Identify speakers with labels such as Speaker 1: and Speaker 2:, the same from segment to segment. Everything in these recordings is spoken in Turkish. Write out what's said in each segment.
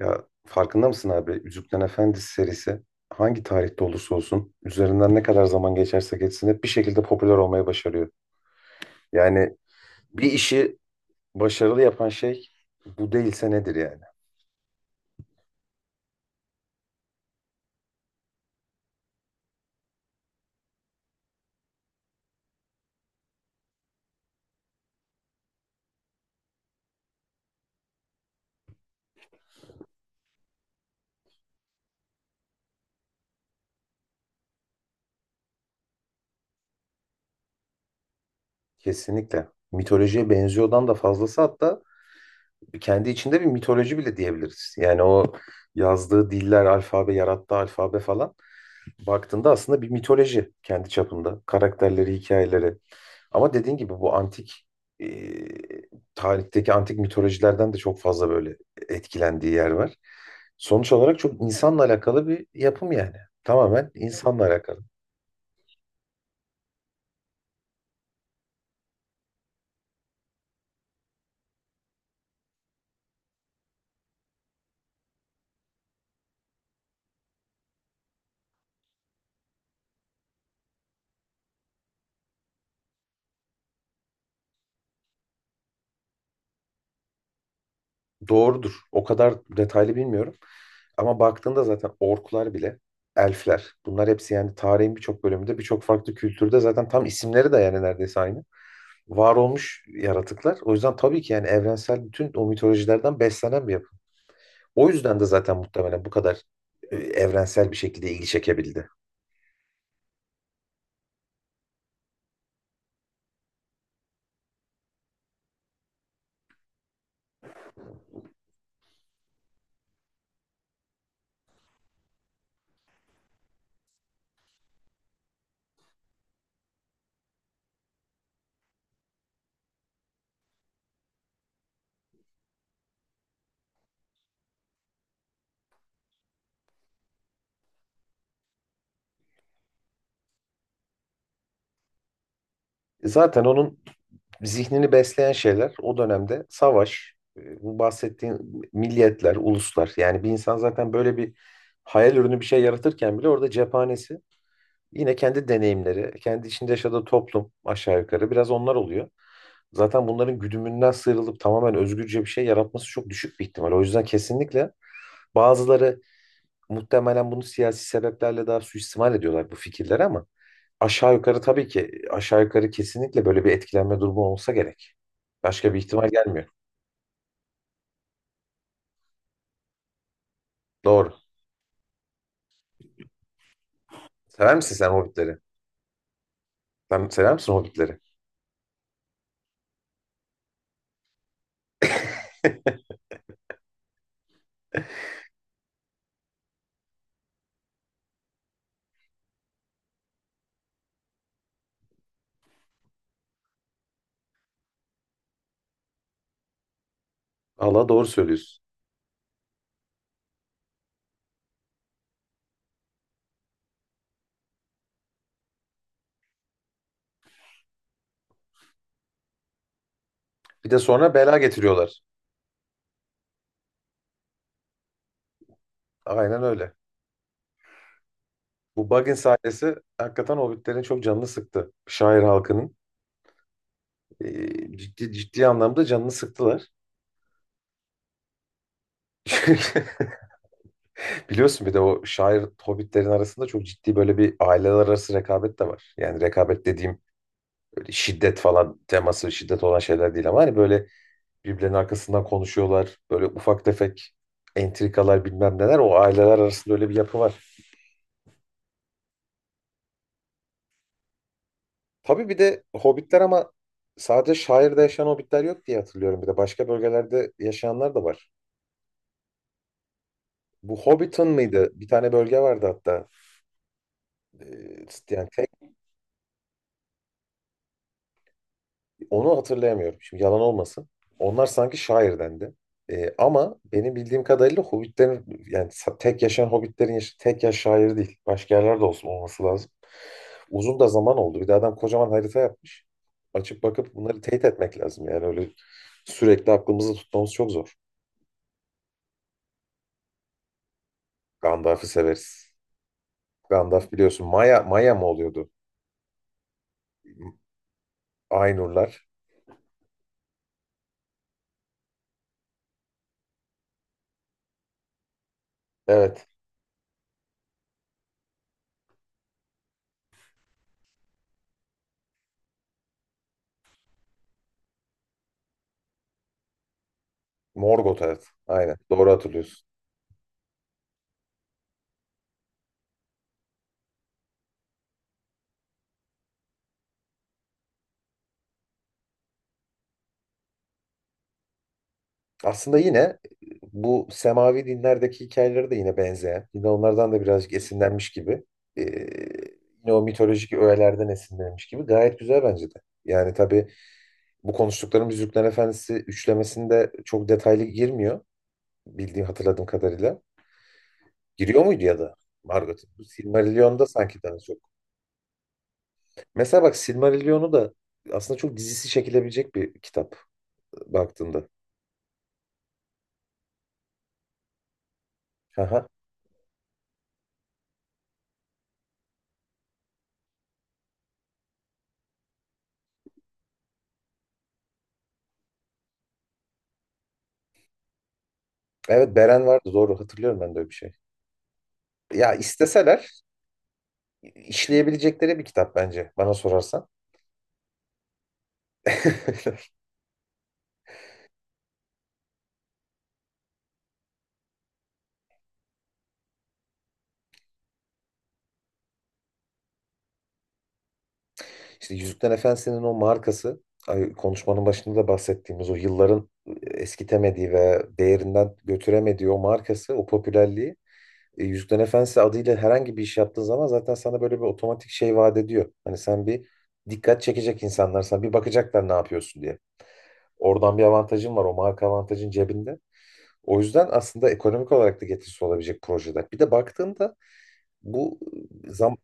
Speaker 1: Ya farkında mısın abi? Yüzüklerin Efendisi serisi hangi tarihte olursa olsun üzerinden ne kadar zaman geçerse geçsin hep bir şekilde popüler olmayı başarıyor. Yani bir işi başarılı yapan şey bu değilse nedir yani? Kesinlikle. Mitolojiye benziyordan da fazlası hatta kendi içinde bir mitoloji bile diyebiliriz. Yani o yazdığı diller, alfabe, yarattığı alfabe falan baktığında aslında bir mitoloji kendi çapında. Karakterleri, hikayeleri. Ama dediğin gibi bu antik e, tarihteki antik mitolojilerden de çok fazla böyle etkilendiği yer var. Sonuç olarak çok insanla alakalı bir yapım yani. Tamamen insanla alakalı. Doğrudur. O kadar detaylı bilmiyorum. Ama baktığında zaten orklar bile, elfler, bunlar hepsi yani tarihin birçok bölümünde, birçok farklı kültürde zaten tam isimleri de yani neredeyse aynı. Var olmuş yaratıklar. O yüzden tabii ki yani evrensel bütün o mitolojilerden beslenen bir yapı. O yüzden de zaten muhtemelen bu kadar evrensel bir şekilde ilgi çekebildi. Zaten onun zihnini besleyen şeyler o dönemde savaş, bu bahsettiğin milliyetler, uluslar. Yani bir insan zaten böyle bir hayal ürünü bir şey yaratırken bile orada cephanesi yine kendi deneyimleri, kendi içinde yaşadığı toplum aşağı yukarı biraz onlar oluyor. Zaten bunların güdümünden sıyrılıp tamamen özgürce bir şey yaratması çok düşük bir ihtimal. O yüzden kesinlikle bazıları muhtemelen bunu siyasi sebeplerle daha suistimal ediyorlar bu fikirleri ama aşağı yukarı tabii ki aşağı yukarı kesinlikle böyle bir etkilenme durumu olsa gerek. Başka bir ihtimal gelmiyor. Doğru. Sever misin sen Hobbitleri? Sen sever misin Hobbitleri? Allah doğru söylüyorsun. Bir de sonra bela getiriyorlar. Aynen öyle. Bu Baggins sahnesi hakikaten Hobbitlerin çok canını sıktı. Şair halkının ciddi ciddi anlamda canını sıktılar. Biliyorsun bir de o şair Hobbitlerin arasında çok ciddi böyle bir aileler arası rekabet de var. Yani rekabet dediğim şiddet falan teması şiddet olan şeyler değil ama hani böyle birbirlerinin arkasından konuşuyorlar. Böyle ufak tefek entrikalar bilmem neler o aileler arasında öyle bir yapı var. Tabii bir de hobbitler ama sadece şairde yaşayan hobbitler yok diye hatırlıyorum bir de başka bölgelerde yaşayanlar da var. Bu Hobbiton mıydı? Bir tane bölge vardı hatta. Ee, yani onu hatırlayamıyorum. Şimdi yalan olmasın. Onlar sanki şairdendi. Ama benim bildiğim kadarıyla hobbitlerin yani tek yaşayan hobbitlerin yaşı tek yaş şair değil. Başka yerlerde olsun olması lazım. Uzun da zaman oldu. Bir de adam kocaman harita yapmış. Açıp bakıp bunları teyit etmek lazım. Yani öyle sürekli aklımızda tutmamız çok zor. Gandalf'ı severiz. Gandalf biliyorsun Maya Maya mı oluyordu? Aynurlar. Evet. Morgoth evet. Aynen. Doğru hatırlıyorsun. Aslında yine bu semavi dinlerdeki hikayeleri de yine benzeyen, yine onlardan da birazcık esinlenmiş gibi, e, yine o mitolojik öğelerden esinlenmiş gibi gayet güzel bence de. Yani tabii bu konuştuklarım Yüzüklerin Efendisi üçlemesinde çok detaylı girmiyor bildiğim hatırladığım kadarıyla. Giriyor muydu ya da Margot'un? Bu Silmarillion'da sanki daha çok. Mesela bak Silmarillion'u da aslında çok dizisi çekilebilecek bir kitap baktığında. Aha. Evet Beren vardı doğru hatırlıyorum ben de öyle bir şey. Ya isteseler işleyebilecekleri bir kitap bence bana sorarsan. İşte Yüzüklerin Efendisi'nin o markası konuşmanın başında da bahsettiğimiz o yılların eskitemediği ve değerinden götüremediği o markası, o popülerliği, Yüzüklerin Efendisi adıyla herhangi bir iş yaptığın zaman zaten sana böyle bir otomatik şey vaat ediyor. Hani sen bir dikkat çekecek insanlar sana bir bakacaklar ne yapıyorsun diye. Oradan bir avantajın var, o marka avantajın cebinde. O yüzden aslında ekonomik olarak da getirisi olabilecek projede. Bir de baktığımda bu e, zam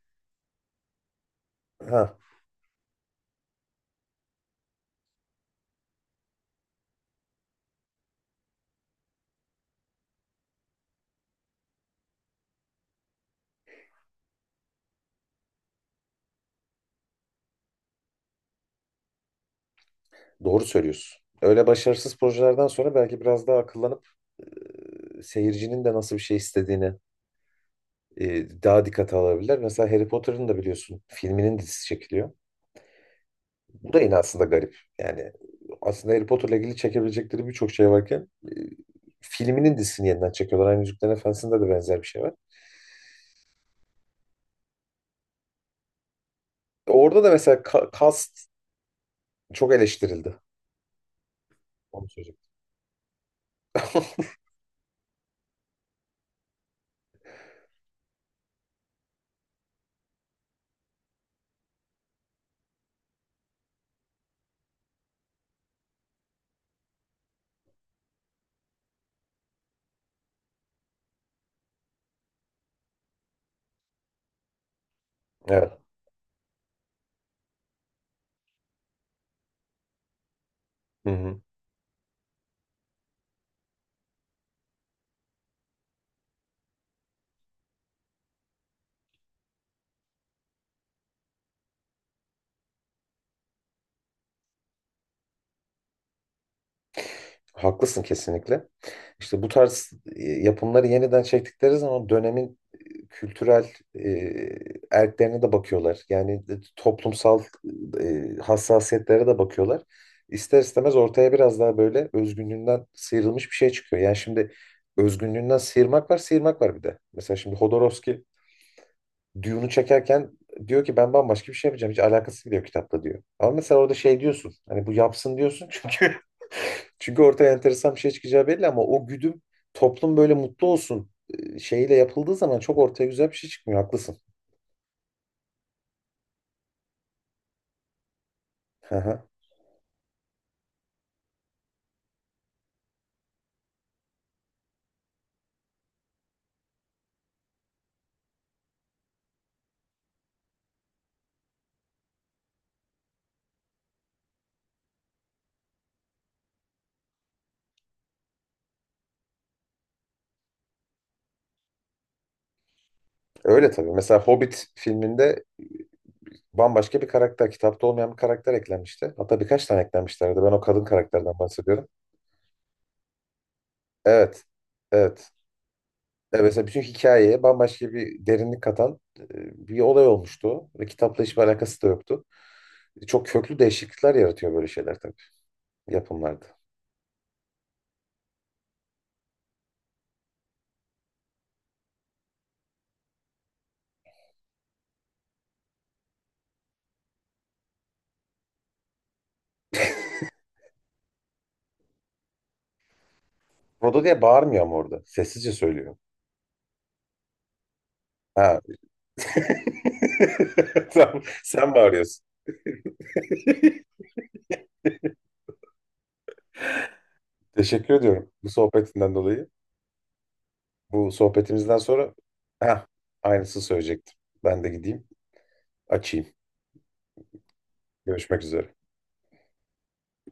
Speaker 1: ha, doğru söylüyorsun. Öyle başarısız projelerden sonra belki biraz daha akıllanıp seyircinin de nasıl bir şey istediğini daha dikkate alabilirler. Mesela Harry Potter'ın da biliyorsun filminin dizisi çekiliyor. Bu da yine aslında garip. Yani aslında Harry Potter'la ilgili çekebilecekleri birçok şey varken filminin dizisini yeniden çekiyorlar. Aynı Yüzüklerin Efendisi'nde de benzer bir şey var. Orada da mesela cast çok eleştirildi. Onu söyleyeceğim. Evet. Hı hı. Haklısın kesinlikle. İşte bu tarz yapımları yeniden çektikleri zaman dönemin kültürel e, erklerine de bakıyorlar. Yani toplumsal hassasiyetlere de bakıyorlar. İster istemez ortaya biraz daha böyle özgünlüğünden sıyrılmış bir şey çıkıyor. Yani şimdi özgünlüğünden sıyırmak var, sıyırmak var bir de. Mesela şimdi Hodorowski Dune'u çekerken diyor ki ben bambaşka bir şey yapacağım. Hiç alakası bile yok kitapta diyor. Ama mesela orada şey diyorsun. Hani bu yapsın diyorsun çünkü çünkü ortaya enteresan bir şey çıkacağı belli ama o güdüm toplum böyle mutlu olsun şeyiyle yapıldığı zaman çok ortaya güzel bir şey çıkmıyor. Haklısın. Hı hı. Öyle tabii. Mesela Hobbit filminde bambaşka bir karakter, kitapta olmayan bir karakter eklenmişti. Hatta birkaç tane eklenmişlerdi. Ben o kadın karakterden bahsediyorum. Evet. Evet. Evet, mesela bütün hikayeye bambaşka bir derinlik katan, bir olay olmuştu o. Ve kitapla hiçbir alakası da yoktu. Çok köklü değişiklikler yaratıyor böyle şeyler tabii yapımlarda. Frodo diye bağırmıyor ama orada. Sessizce söylüyor. Ha, Tamam, sen bağırıyorsun. Teşekkür ediyorum bu sohbetinden dolayı. Bu sohbetimizden sonra Heh, aynısını söyleyecektim. Ben de gideyim, açayım. Görüşmek üzere.